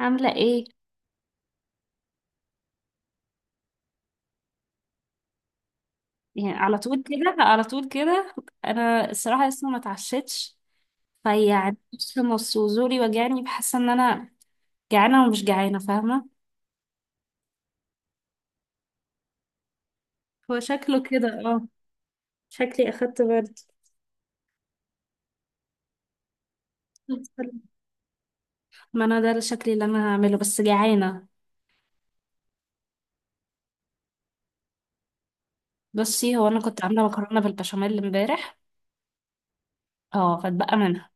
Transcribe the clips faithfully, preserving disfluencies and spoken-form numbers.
عاملة ايه؟ يعني على طول كده على طول كده. انا الصراحة لسه ما اتعشتش، فيعني نص نص وزوري وجعني، بحس ان انا جعانة ومش جعانة، فاهمة؟ هو شكله كده، اه. شكلي اخدت برد. ما انا ده الشكل اللي انا هعمله، بس جعانة. بصي، هو انا كنت عاملة مكرونة بالبشاميل امبارح. اه، فاتبقى منها.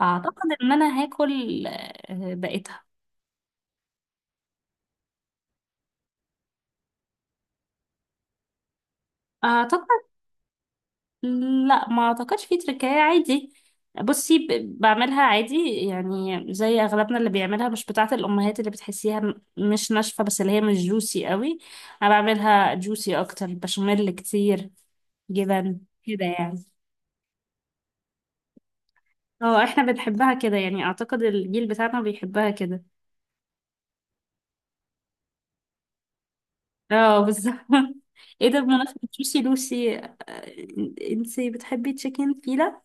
اعتقد ان انا هاكل آه، بقيتها. اعتقد. لا، ما اعتقدش، في تركاية عادي. بصي، ب- بعملها عادي. يعني زي اغلبنا اللي بيعملها، مش بتاعة الامهات اللي بتحسيها م- مش ناشفة، بس اللي هي مش جوسي قوي. انا بعملها جوسي اكتر، بشاميل كتير، جبن كده يعني. اه، احنا بنحبها كده يعني. اعتقد الجيل بتاعنا بيحبها كده. اه، بالظبط. ايه ده؟ بمناسبة جوسي لوسي آه، انتي بتحبي تشيكن فيلا؟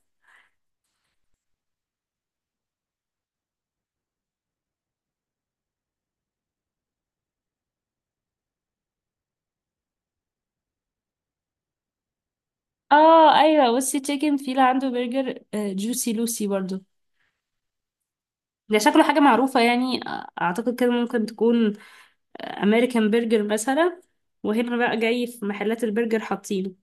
اه ايوه، بصي، تشيكن فيلا عنده برجر جوسي لوسي برضو. ده شكله حاجة معروفة يعني. أعتقد كده ممكن تكون أمريكان برجر مثلا، وهنا بقى جاي في محلات البرجر حاطينه.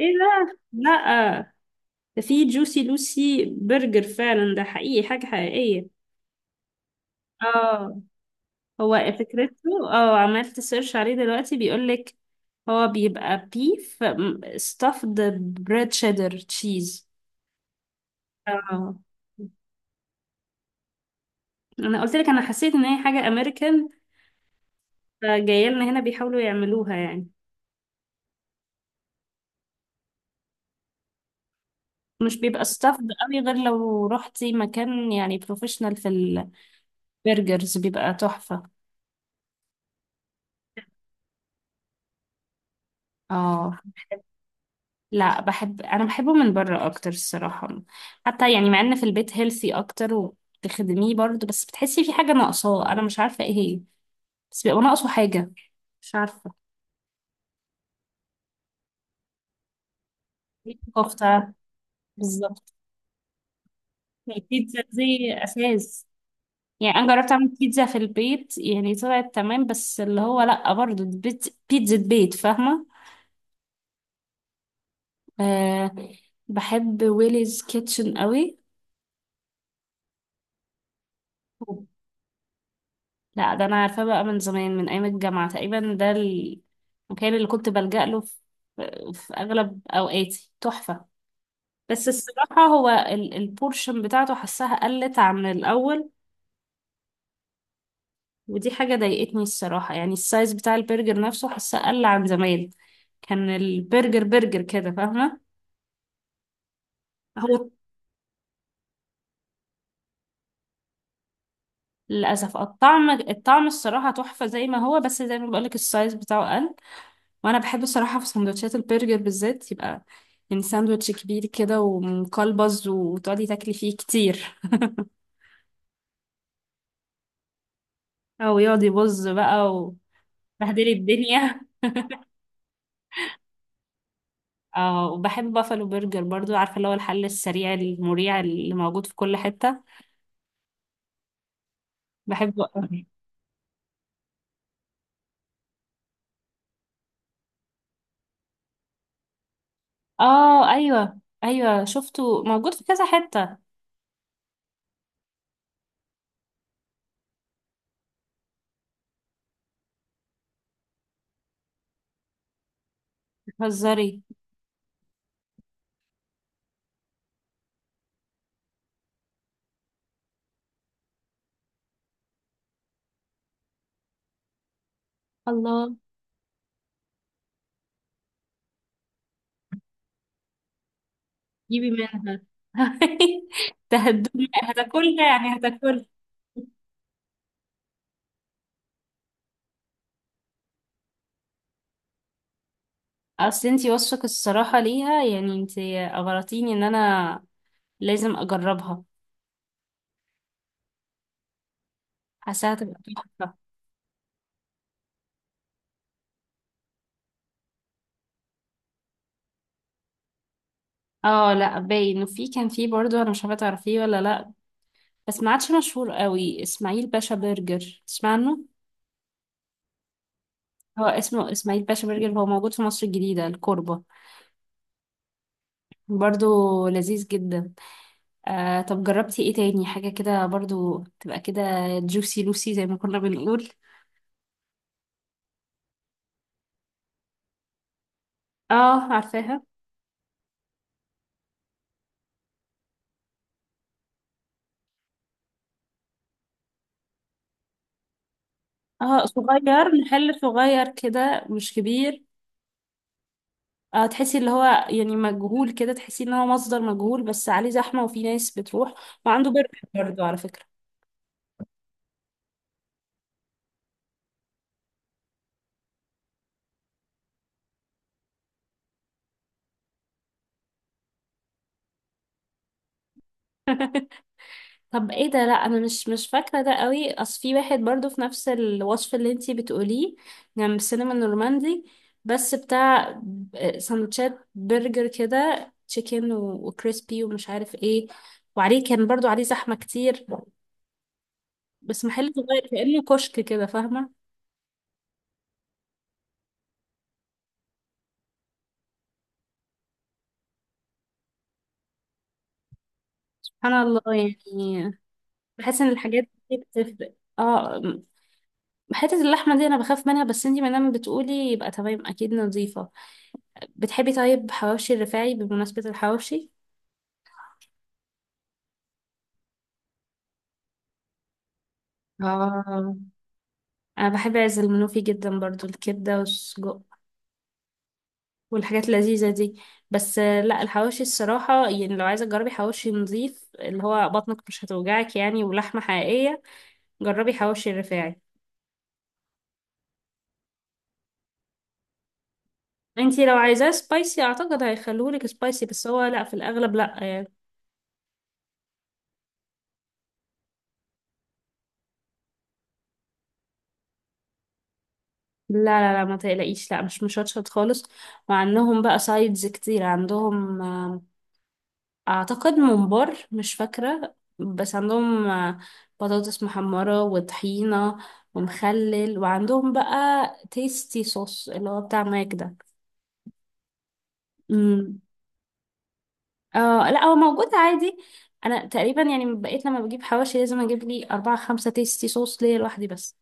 ايه ده؟ لأ، ده في جوسي لوسي برجر فعلا، ده حقيقي، حاجة حقيقية. اه، هو فكرته، اه عملت سيرش عليه دلوقتي، بيقولك هو بيبقى بيف stuffed bread cheddar cheese. اه، انا قلت لك انا حسيت ان هي حاجة امريكان، فجايه لنا هنا بيحاولوا يعملوها يعني. مش بيبقى stuffed قوي، غير لو روحتي مكان يعني بروفيشنال. في البرجرز بيبقى تحفة. اه لا، بحب انا بحبه من بره اكتر الصراحة. حتى يعني مع ان في البيت هيلثي اكتر، وبتخدميه برضه، بس بتحسي في حاجة ناقصاه، انا مش عارفة ايه هي. بس بيبقى ناقصه حاجة. مش عارفة. كفتة، بالظبط. البيتزا دي أساس. يعني أنا جربت أعمل بيتزا في البيت، يعني طلعت تمام، بس اللي هو لأ برضه، دي بيت- بيتزا بيت، فاهمة؟ أه. بحب ويليز كيتشن قوي. لا، ده انا عارفاه بقى من زمان، من ايام الجامعه تقريبا. ده المكان اللي كنت بلجأ له في, في اغلب اوقاتي، تحفه. بس الصراحه هو ال- البورشن بتاعته حسها قلت عن الاول. ودي حاجه ضايقتني الصراحه، يعني السايز بتاع البرجر نفسه حسها قل عن زمان. كان البرجر برجر كده، فاهمه. هو للاسف، الطعم، الطعم الصراحه تحفه زي ما هو، بس زي ما بقولك السايز بتاعه قل. وانا بحب الصراحه في سندوتشات البرجر بالذات، يبقى يعني ساندوتش كبير كده ومقلبز، وتقعدي تاكلي فيه كتير. او يقعد يبظ بقى، وبهدلي الدنيا. اه، وبحب بافلو برجر برضو، عارفه اللي هو الحل السريع المريع اللي موجود في كل حته. بحبه أوي. اه ايوه ايوه، شفته موجود في كذا حته. بتهزري؟ الله. جيبي منها. تهدوني هتاكلها، يعني هتاكلها. اصل انتي وصفك الصراحة ليها، يعني انتي اغرتيني ان انا لازم اجربها. حاساها تبقى تحفة. اه لا، باين انه في، كان في برضو، انا مش عارفة تعرفيه ولا لا، بس ما عادش مشهور قوي. اسماعيل باشا برجر، تسمع عنه؟ هو اسمه اسماعيل باشا برجر، هو موجود في مصر الجديدة، الكوربة. برضو لذيذ جدا. آه، طب جربتي ايه تاني حاجة كده برضو تبقى كده جوسي لوسي زي ما كنا بنقول؟ اه عارفاها. اه، صغير محل صغير كده، مش كبير. اه، تحسي اللي هو يعني مجهول كده، تحسي ان هو مصدر مجهول، بس عليه زحمة وفي ناس بتروح. وعنده برجر برضه، على فكرة. طب ايه ده؟ لا انا مش مش فاكرة ده قوي. اصل في واحد برضه في نفس الوصف اللي انتي بتقوليه، جنب السينما النورماندي. بس بتاع ب- سندوتشات برجر كده، تشيكن و- وكريسبي ومش عارف ايه. وعليه كان برضه عليه زحمة كتير. بس محل صغير، كأنه كشك كده، فاهمة؟ سبحان الله يعني. بحس ان الحاجات دي بتفرق، اه. حتة اللحمة دي أنا بخاف منها، بس انتي مادام بتقولي يبقى تمام، أكيد نظيفة. بتحبي طيب حواوشي الرفاعي؟ بمناسبة الحواوشي. اه، أنا بحب عز المنوفي جدا برضو، الكبدة والسجق والحاجات اللذيذة دي. بس آه، لا، الحواوشي الصراحة، يعني لو عايزة تجربي حواوشي نظيف اللي هو بطنك مش هتوجعك يعني، ولحمة حقيقية، جربي حواوشي الرفاعي. انتي لو عايزاه سبايسي أعتقد هيخلولك سبايسي، بس هو لا، في الأغلب لا يعني. لا لا لا، ما تقلقيش، لا، مش مشطشط خالص. وعندهم بقى سايدز كتير، عندهم آه، اعتقد ممبار، مش فاكرة، بس عندهم آه، بطاطس محمرة وطحينة ومخلل، وعندهم بقى تيستي صوص اللي هو بتاع ماك ده. امم. اه لا، هو موجود عادي. انا تقريبا يعني بقيت لما بجيب حواشي لازم اجيب لي اربعة خمسة تيستي صوص ليا لوحدي بس.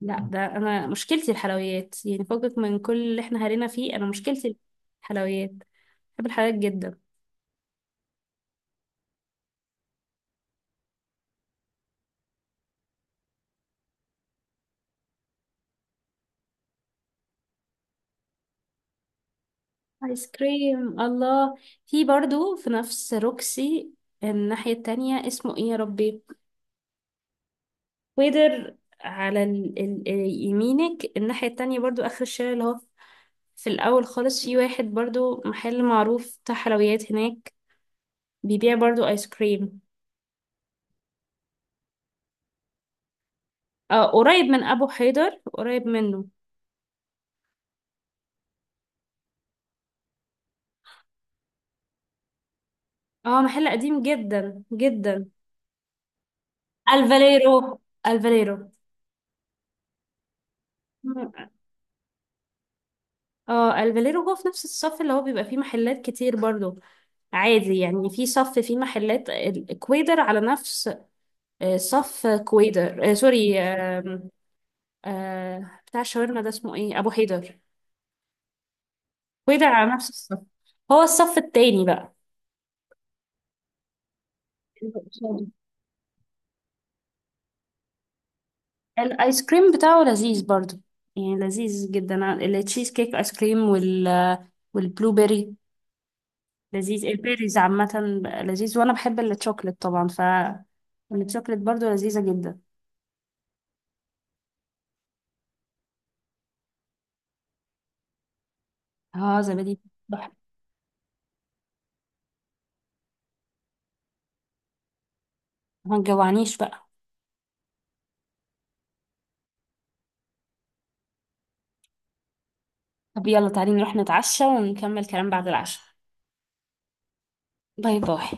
لا، ده انا مشكلتي الحلويات، يعني فوقك من كل اللي احنا هرينا فيه، انا مشكلتي الحلويات. بحب الحلويات جدا. ايس كريم، الله. في برضو، في نفس روكسي الناحية التانية، اسمه ايه يا ربي، ويدر على ال... ال... يمينك الناحية التانية برضو، اخر الشارع، اللي هو في الاول خالص، في واحد برضو محل معروف بتاع حلويات هناك، بيبيع برضو ايس كريم. آه، قريب من ابو حيدر، قريب منه. اه، محل قديم جدا جدا. الفاليرو، الفاليرو. اه، الفاليرو هو في نفس الصف اللي هو بيبقى فيه محلات كتير برضو. عادي يعني، في صف، في محلات الكويدر على نفس آه، صف كويدر، آه، سوري، آم، آه، بتاع الشاورما ده اسمه ايه، ابو حيدر. كويدر على نفس الصف. هو الصف التاني بقى، اللي قصاده. الايس كريم بتاعه لذيذ برضو، يعني لذيذ جدا. التشيز كيك ايس كريم، وال والبلو بيري، لذيذ. البيريز عامة بقى لذيذ، وانا بحب الشوكليت طبعا، ف الشوكليت برضو لذيذة جدا. اه، زبادي، تحفة. ما تجوعنيش بقى. طب يلا تعالي نروح نتعشى ونكمل كلام بعد العشاء. باي باي.